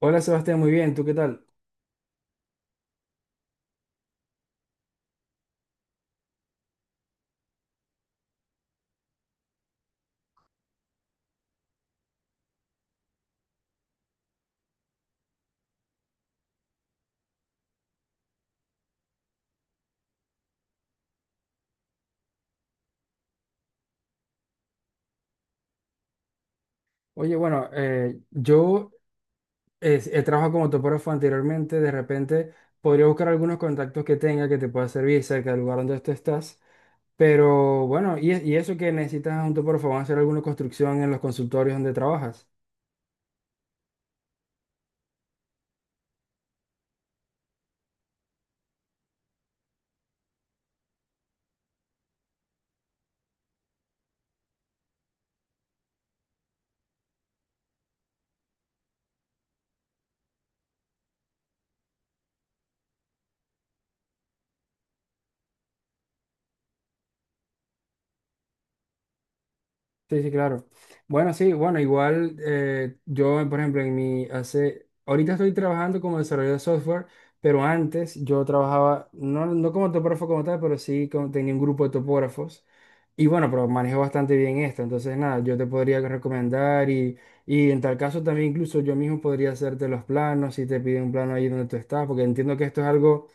Hola Sebastián, muy bien, ¿tú qué tal? Oye, bueno, yo he trabajado como topógrafo anteriormente, de repente podría buscar algunos contactos que tenga que te pueda servir cerca del lugar donde tú estás, pero bueno, y eso que necesitas un topógrafo, ¿van a hacer alguna construcción en los consultorios donde trabajas? Sí, sí, claro. Bueno, sí, bueno, igual yo, por ejemplo, en mi hace, ahorita estoy trabajando como desarrollador de software, pero antes yo trabajaba, no, no como topógrafo como tal, pero sí como- tenía un grupo de topógrafos. Y bueno, pero manejo bastante bien esto, entonces nada, yo te podría recomendar y en tal caso también incluso yo mismo podría hacerte los planos si te piden un plano ahí donde tú estás, porque entiendo que esto es algo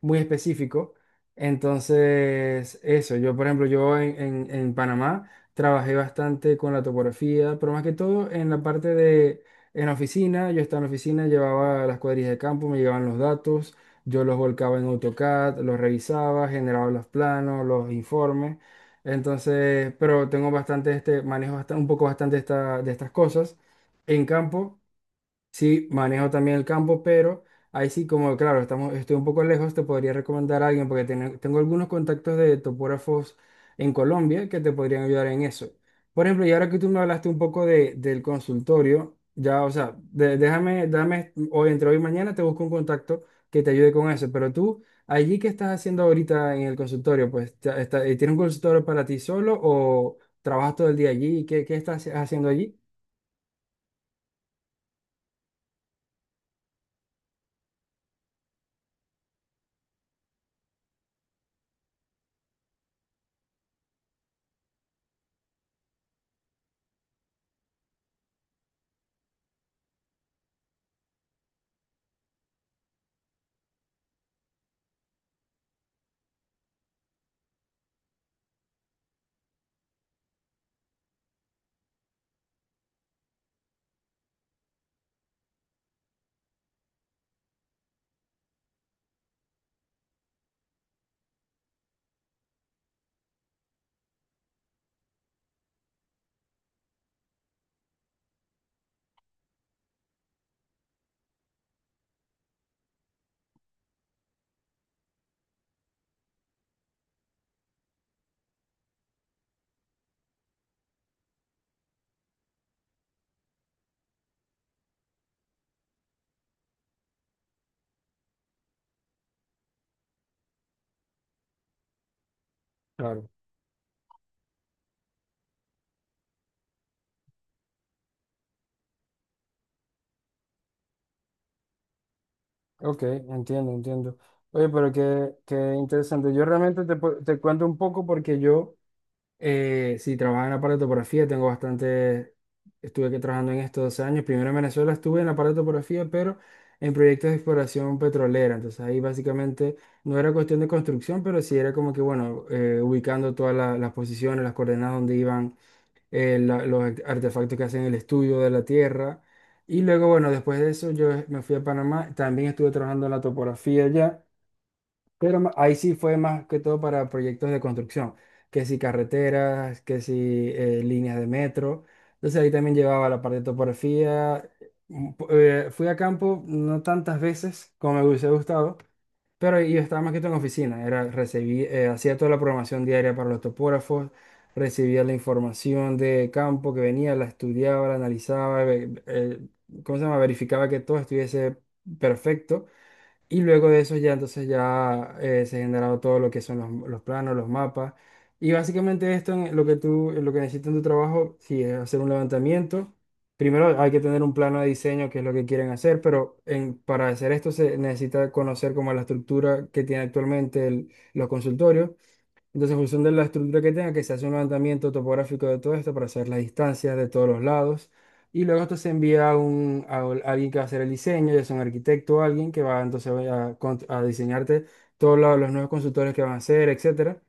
muy específico. Entonces, eso, yo por ejemplo, yo en Panamá trabajé bastante con la topografía, pero más que todo en la parte de, en la oficina, yo estaba en la oficina, llevaba las cuadrillas de campo, me llegaban los datos, yo los volcaba en AutoCAD, los revisaba, generaba los planos, los informes. Entonces, pero tengo bastante este, manejo bastante, un poco bastante esta- de estas cosas en campo. Sí, manejo también el campo, pero ahí sí, como claro, estamos, estoy un poco lejos, te podría recomendar a alguien porque tiene- tengo algunos contactos de topógrafos en Colombia que te podrían ayudar en eso. Por ejemplo, y ahora que tú me hablaste un poco de, del consultorio, ya, o sea, de- déjame, dame, hoy entre hoy y mañana te busco un contacto que te ayude con eso, pero tú, allí que estás haciendo ahorita en el consultorio, pues, ya está, ¿tienes un consultorio para ti solo o trabajas todo el día allí? ¿Qué, qué estás haciendo allí? Claro. Ok, entiendo, entiendo. Oye, pero qué, qué interesante. Yo realmente te, pu- te cuento un poco porque yo, sí, trabajaba en la parte de aparatografía, tengo bastante, estuve aquí trabajando en estos 2 años. Primero en Venezuela estuve en la parte de aparatografía, pero en proyectos de exploración petrolera. Entonces ahí básicamente no era cuestión de construcción, pero sí era como que, bueno, ubicando todas la- las posiciones, las coordenadas donde iban la- los art- artefactos que hacen el estudio de la Tierra. Y luego, bueno, después de eso yo me fui a Panamá, también estuve trabajando en la topografía allá, pero ma- ahí sí fue más que todo para proyectos de construcción, que si carreteras, que si líneas de metro. Entonces ahí también llevaba la parte de topografía. Un po- fui a campo no tantas veces como me hubiese gustado, pero yo estaba más que todo en oficina, era, recibí, hacía toda la programación diaria para los topógrafos, recibía la información de campo que venía, la estudiaba, la analizaba, ve- ¿cómo se llama? Verificaba que todo estuviese perfecto y luego de eso ya entonces ya se ha generado todo lo que son los planos, los mapas. Y básicamente esto en lo que tú, en lo que necesitas en tu trabajo, si es hacer un levantamiento, primero hay que tener un plano de diseño, que es lo que quieren hacer, pero en- para hacer esto se necesita conocer como la estructura que tiene actualmente el- los consultorios entonces, en función de la estructura que tenga, que se hace un levantamiento topográfico de todo esto para saber las distancias de todos los lados. Y luego esto se envía a, un, a ol- alguien que va a hacer el diseño, ya sea un arquitecto o alguien que va entonces a, con- a diseñarte todos los nuevos consultores que van a hacer, etcétera.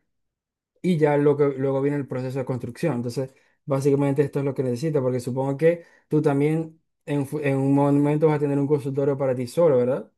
Y ya lo que, luego viene el proceso de construcción. Entonces, básicamente esto es lo que necesitas, porque supongo que tú también en, fu- en un momento vas a tener un consultorio para ti solo, ¿verdad?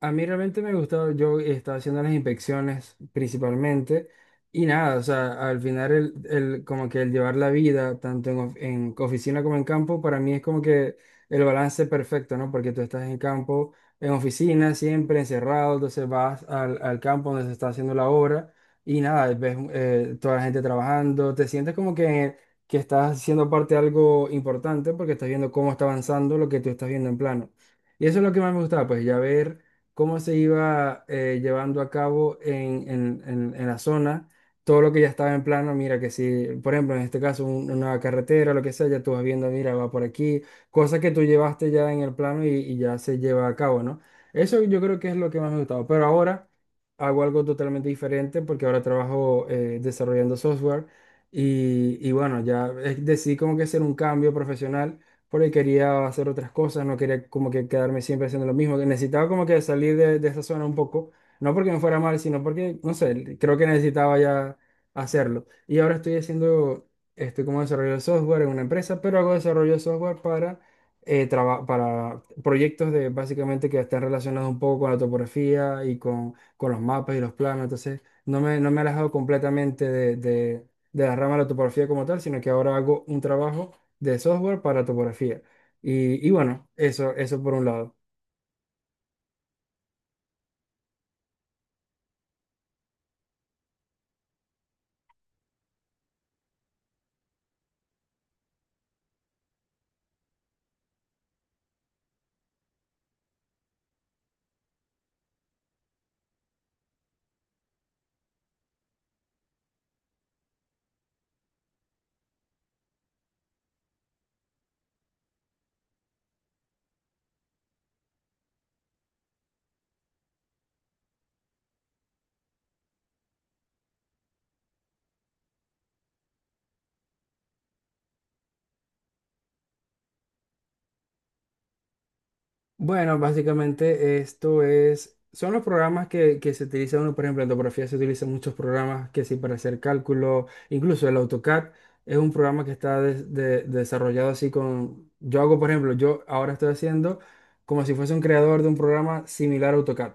A mí realmente me gustaba, yo estaba haciendo las inspecciones principalmente y nada, o sea, al final el- como que el llevar la vida tanto en, of- en oficina como en campo, para mí es como que el balance perfecto, ¿no? Porque tú estás en campo, en oficina, siempre encerrado, entonces vas al, al campo donde se está haciendo la obra y nada, ves toda la gente trabajando, te sientes como que estás siendo parte de algo importante porque estás viendo cómo está avanzando lo que tú estás viendo en plano. Y eso es lo que más me gustaba, pues ya ver cómo se iba llevando a cabo en la zona, todo lo que ya estaba en plano, mira que si, por ejemplo, en este caso, un- una carretera, lo que sea, ya tú vas viendo, mira, va por aquí, cosas que tú llevaste ya en el plano y ya se lleva a cabo, ¿no? Eso yo creo que es lo que más me gustaba, pero ahora hago algo totalmente diferente porque ahora trabajo desarrollando software y bueno, ya decidí como que hacer un cambio profesional por ahí quería hacer otras cosas, no quería como que quedarme siempre haciendo lo mismo, que necesitaba como que salir de esa zona un poco, no porque me fuera mal, sino porque, no sé, creo que necesitaba ya hacerlo. Y ahora estoy haciendo, estoy como desarrollo de software en una empresa, pero hago desarrollo de software para, traba- para proyectos de básicamente que están relacionados un poco con la topografía y con los mapas y los planos, entonces no me, no me he alejado completamente de la rama de la topografía como tal, sino que ahora hago un trabajo de software para topografía. Y bueno, eso por un lado. Bueno, básicamente esto es, son los programas que se utilizan, uno, por ejemplo, en topografía se utilizan muchos programas que sí para hacer cálculo, incluso el AutoCAD es un programa que está de- desarrollado así con, yo hago, por ejemplo, yo ahora estoy haciendo como si fuese un creador de un programa similar a AutoCAD,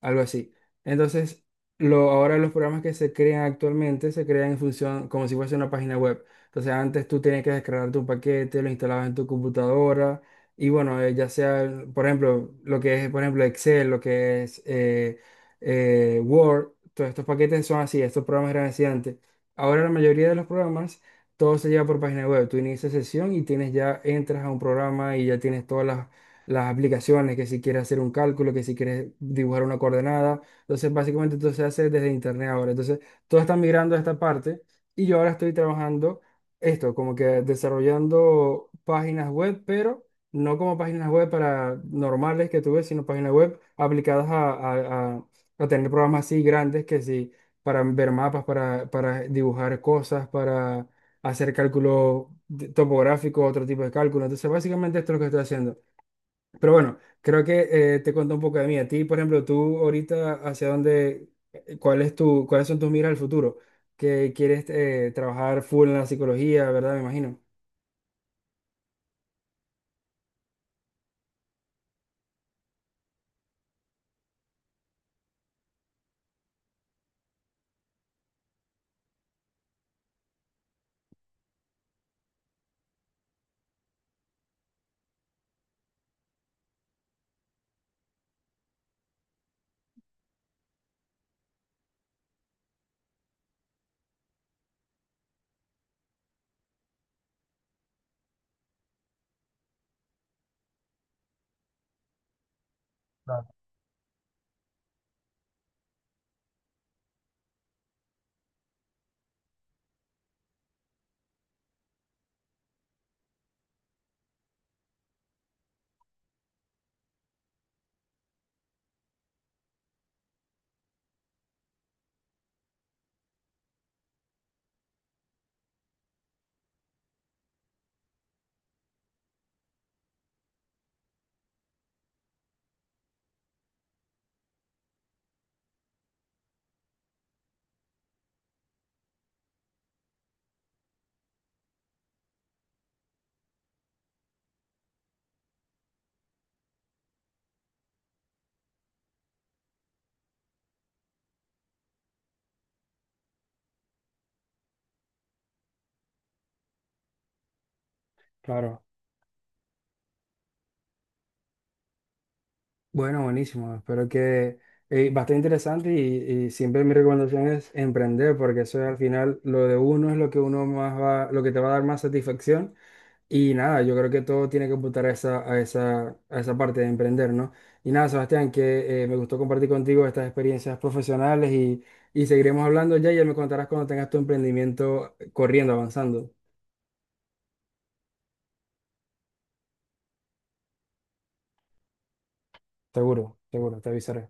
algo así. Entonces, lo, ahora los programas que se crean actualmente se crean en función como si fuese una página web. Entonces, antes tú tenías que descargarte un paquete, lo instalabas en tu computadora y bueno, ya sea, por ejemplo, lo que es, por ejemplo, Excel, lo que es Word, todos estos paquetes son así, estos programas eran así antes. Ahora la mayoría de los programas, todo se lleva por página web. Tú inicias sesión y tienes ya, entras a un programa y ya tienes todas las aplicaciones, que si quieres hacer un cálculo, que si quieres dibujar una coordenada. Entonces, básicamente todo se hace desde internet ahora. Entonces, todo está migrando a esta parte y yo ahora estoy trabajando esto, como que desarrollando páginas web, pero no como páginas web para normales que tú ves, sino páginas web aplicadas a, a tener programas así grandes que sí, para ver mapas, para dibujar cosas, para hacer cálculos de- topográficos, otro tipo de cálculo. Entonces, básicamente esto es lo que estoy haciendo. Pero bueno, creo que te cuento un poco de mí. A ti, por ejemplo, tú ahorita, ¿hacia dónde, cuál es tu, cuáles son tus miras al futuro? Que quieres trabajar full en la psicología, ¿verdad? Me imagino. Claro. Bueno, buenísimo. Espero que bastante interesante y siempre mi recomendación es emprender porque eso es al final lo de uno es lo que uno más va, lo que te va a dar más satisfacción y nada, yo creo que todo tiene que apuntar a esa, a esa, a esa parte de emprender, ¿no? Y nada, Sebastián, que me gustó compartir contigo estas experiencias profesionales y seguiremos hablando ya y ya me contarás cuando tengas tu emprendimiento corriendo, avanzando. Seguro, seguro, te avisaré.